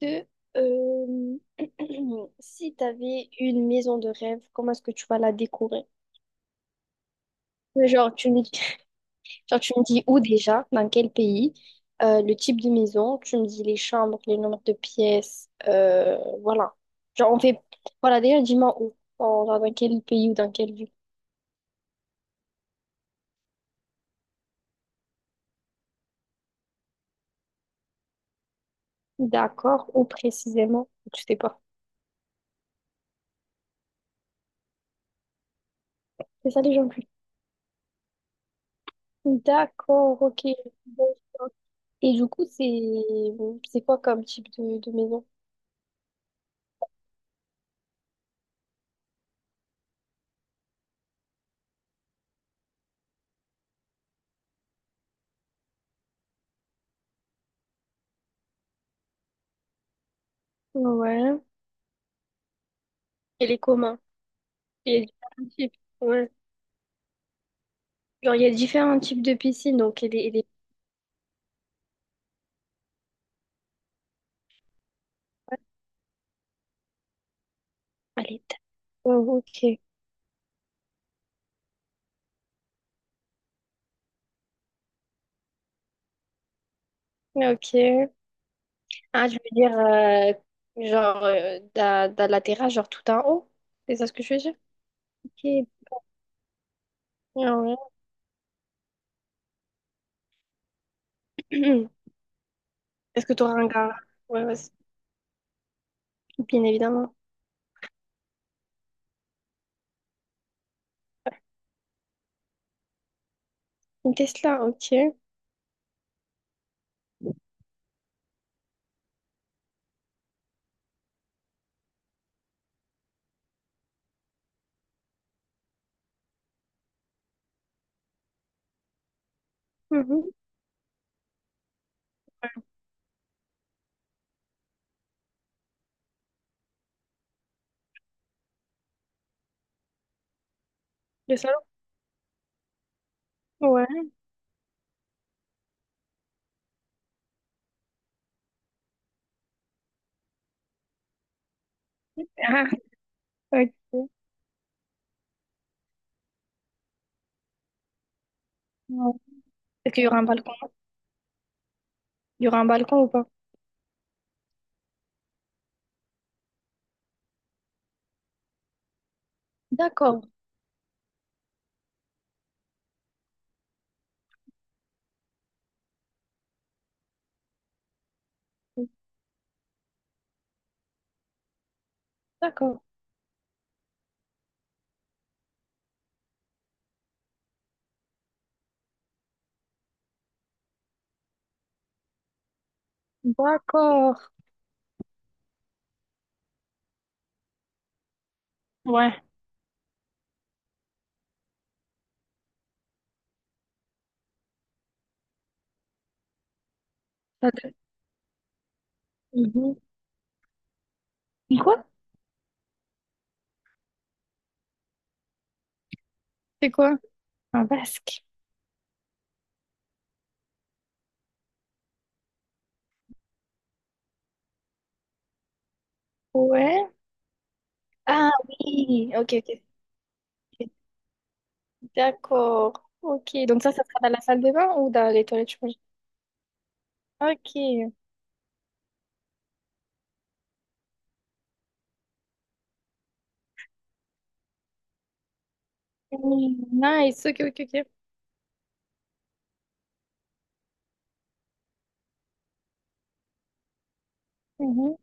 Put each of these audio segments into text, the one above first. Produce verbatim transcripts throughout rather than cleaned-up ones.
De, euh, Si tu avais une maison de rêve, comment est-ce que tu vas la décorer? Euh, Genre, tu me, genre, tu me dis où déjà, dans quel pays, euh, le type de maison, tu me dis les chambres, les nombres de pièces, euh, voilà. Genre, on fait... Voilà, déjà, dis-moi où, en- genre, dans quel pays ou dans quelle ville. D'accord, où précisément, tu sais pas. C'est ça les gens plus. D'accord, ok. Bon. Et du coup, c'est c'est quoi comme type de, de maison? Ouais. Elle est comment? Il y a différents types. Ouais. Genre, il y a différents types de piscines, donc elle est, elle est, elle est- Oh, ok. Ok. Ah, je veux dire, euh, genre, euh, dans, dans la terrasse, genre tout en haut. C'est ça ce que je veux dire? Ok. Ah ouais. Est-ce que tu auras un gars? Ouais, ouais, c'est- bien évidemment. Une Tesla, ok. Mhm. Le salon? Ouais. Ah, ok. Ouais. Est-ce qu'il y aura un balcon? Il y aura un balcon ou pas? D'accord. D'accord. D'accord. Ouais. Ça te- Mhm. Quoi? C'est quoi? Un basque. Ouais. Ah oui, ok, ok. D'accord. Ok, donc ça, ça sera dans la salle de bain ou dans les toilettes, je pense. Ok. Mm, nice, ok, ok, ok. Mhm.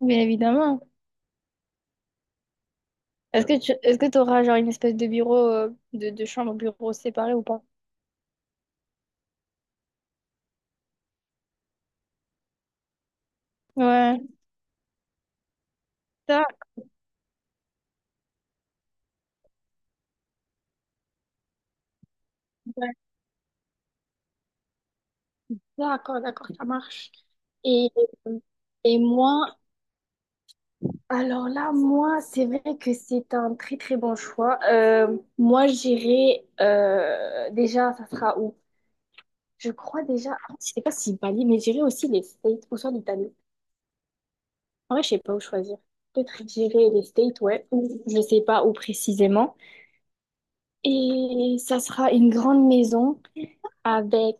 Bien évidemment. Est-ce que tu est-ce que t'auras genre une espèce de bureau, euh, de, de chambre, bureau séparé ou pas? Ouais. Ça, d'accord. Et, et moi, alors là, moi, que c'est un très bon choix. Euh, moi, euh, déjà, ça sera où? Je crois déjà, ah, je sais pas si Bali, mais j'irai aussi les Philippines. En vrai, je sais pas où choisir. Peut-être je dirais les States, ouais, ou les aimants. Et ça sera une grande maison avec...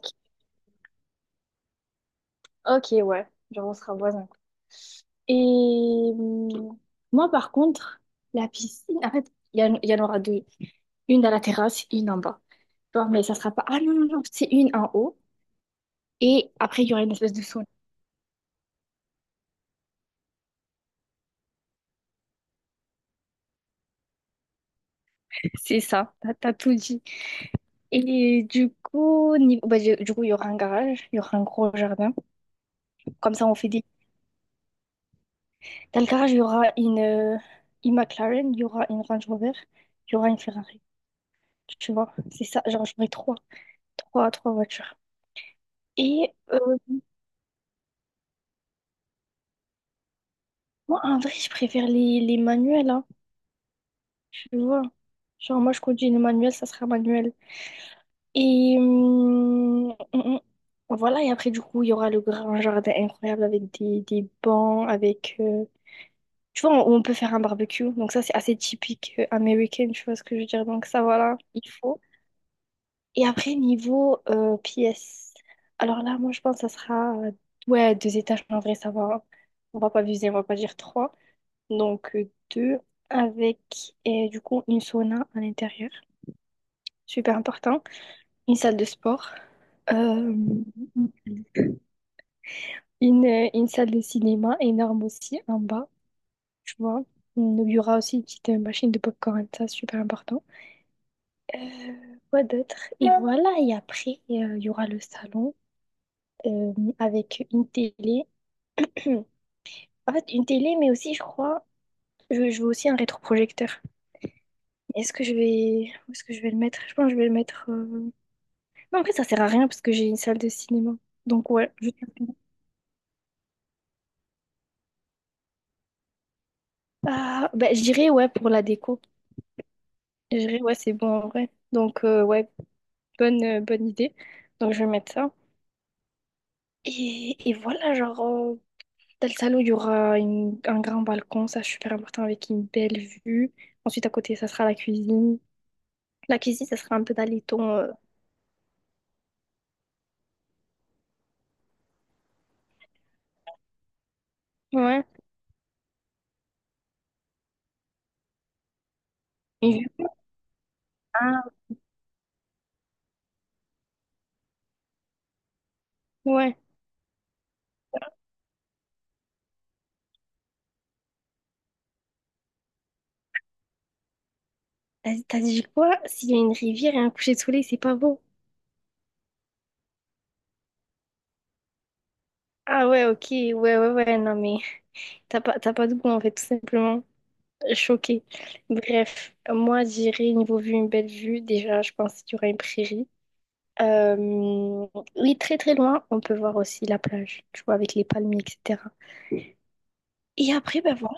Ok, ouais, genre on sera voisins. Et hum, moi, par contre, la piscine, en fait, il y, en il y en aura deux. Une à la terrasse, une en bas. Bon, mais ça sera pas... Ah non, non, non, c'est une en haut. Et après, il y aura une espèce de sauna. C'est ça, t'as t'as tout dit. Et du coup, niveau- bah, du du coup, il y aura un garage, il y aura un gros jardin. Comme ça, on fait des... Dans le garage, il y aura une, euh, une McLaren, il y aura une Range Rover, il y aura une Ferrari. Tu vois, c'est ça. Genre, j'aurai trois, trois, trois voitures. Et euh, moi, en vrai, je préfère les, les manuels, hein, tu vois. Genre, moi, je conduis une manuel, ça sera manuel. Et hum, hum, hum. voilà, et après, du coup, il y aura le grand jardin incroyable avec des, des bancs, avec... euh, Tu vois, on on peut faire un barbecue. Donc ça, c'est assez typique euh, américain, tu vois ce que je veux dire. Donc ça, voilà, il faut. Et après, niveau euh, pièces, alors là, moi, je pense que ça sera euh, ouais, deux étages. En vrai, ça va, hein. On va pas viser, on va pas dire trois. Donc, euh, deux avec, et du coup, une sauna à l'intérieur. Super important. Une salle de sport. Euh, une, euh, une salle de cinéma énorme aussi en bas, tu vois. Il y aura aussi une petite euh, machine de popcorn, ça, super important. Euh, quoi d'autre? Et voilà, et après, euh, il y aura le salon euh, avec une télé. En fait, une télé, mais aussi, je crois, je, je veux aussi un rétroprojecteur. Est-ce que je vais, où est-ce que je vais le mettre? Je pense que je vais le mettre. euh, Non, en fait, ça sert à rien parce que j'ai une salle de cinéma. Donc ouais, je. Ah, bah, je dirais ouais pour la déco. Je dirais ouais, c'est bon en vrai. Donc euh, ouais, bonne euh, bonne idée. Donc je vais mettre ça. Et, et voilà, genre euh, dans le salon, il y aura une- un grand balcon, ça c'est super important avec une belle vue. Ensuite à côté, ça sera la cuisine. La cuisine, ça sera un peu dans les tons euh, ouais, une vue. Ah, ouais. T'as t'as dit quoi? S'il y a une rivière et un coucher de soleil, c'est pas beau. Ah ouais, ok, ouais, ouais, ouais, non mais t'as pas, t'as pas de goût en fait, tout simplement. Choquée. Bref, moi j'irai niveau vue, une belle vue. Déjà, je pense qu'il y aura une prairie. Euh, Oui, très très loin, on peut voir aussi la plage, tu vois, avec les palmiers, et cetera. Et après, bah voilà.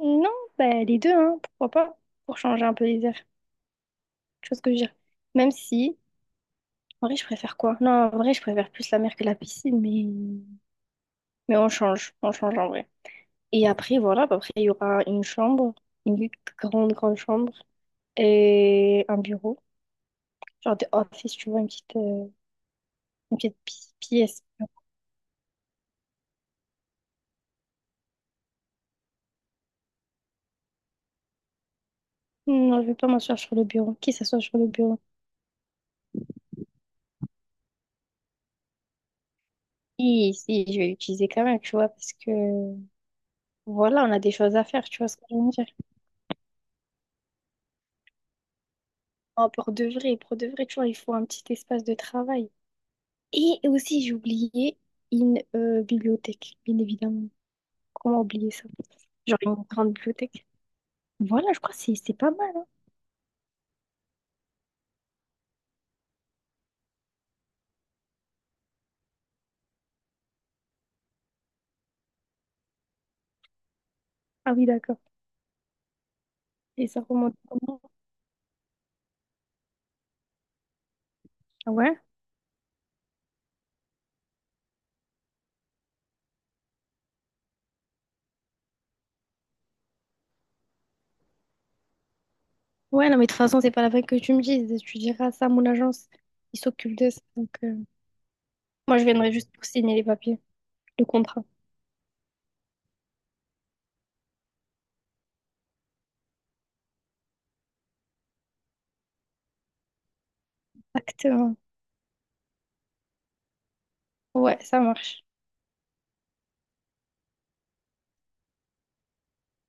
Non, bah les deux, hein, pourquoi pas? Pour changer un peu les airs. Tu vois ce que je veux dire? Même si, en vrai, je préfère quoi? Non, en vrai, je préfère plus la mer que la piscine, mais. Mais on change, on change en vrai. Et après, voilà, bah, après, il y aura une chambre, une grande, grande chambre et un bureau. Genre des office, tu vois, une petite, euh, une petite pi- pièce. Non, je vais pas m'asseoir sur le bureau. Qui s'assoit sur le bureau? Si, si, je vais l'utiliser quand même, tu vois, parce que voilà, on a des choses à faire, tu vois ce que je veux dire. Non, pour de vrai, pour de vrai, tu vois, il faut un petit espace de travail. Et aussi, j'ai oublié une euh, bibliothèque, bien évidemment. Comment oublier ça? Genre une grande bibliothèque. Voilà, je crois que c'est c'est pas mal, hein. Ah oui, d'accord. Et ça remonte comment? Ah ouais? Ouais, non, mais de toute façon, c'est pas la peine que tu me dises. Tu diras ça à mon agence. Ils s'occupe de ça. Donc, euh, moi, je viendrai juste pour signer les papiers, le contrat. Exactement. Ouais, ça marche.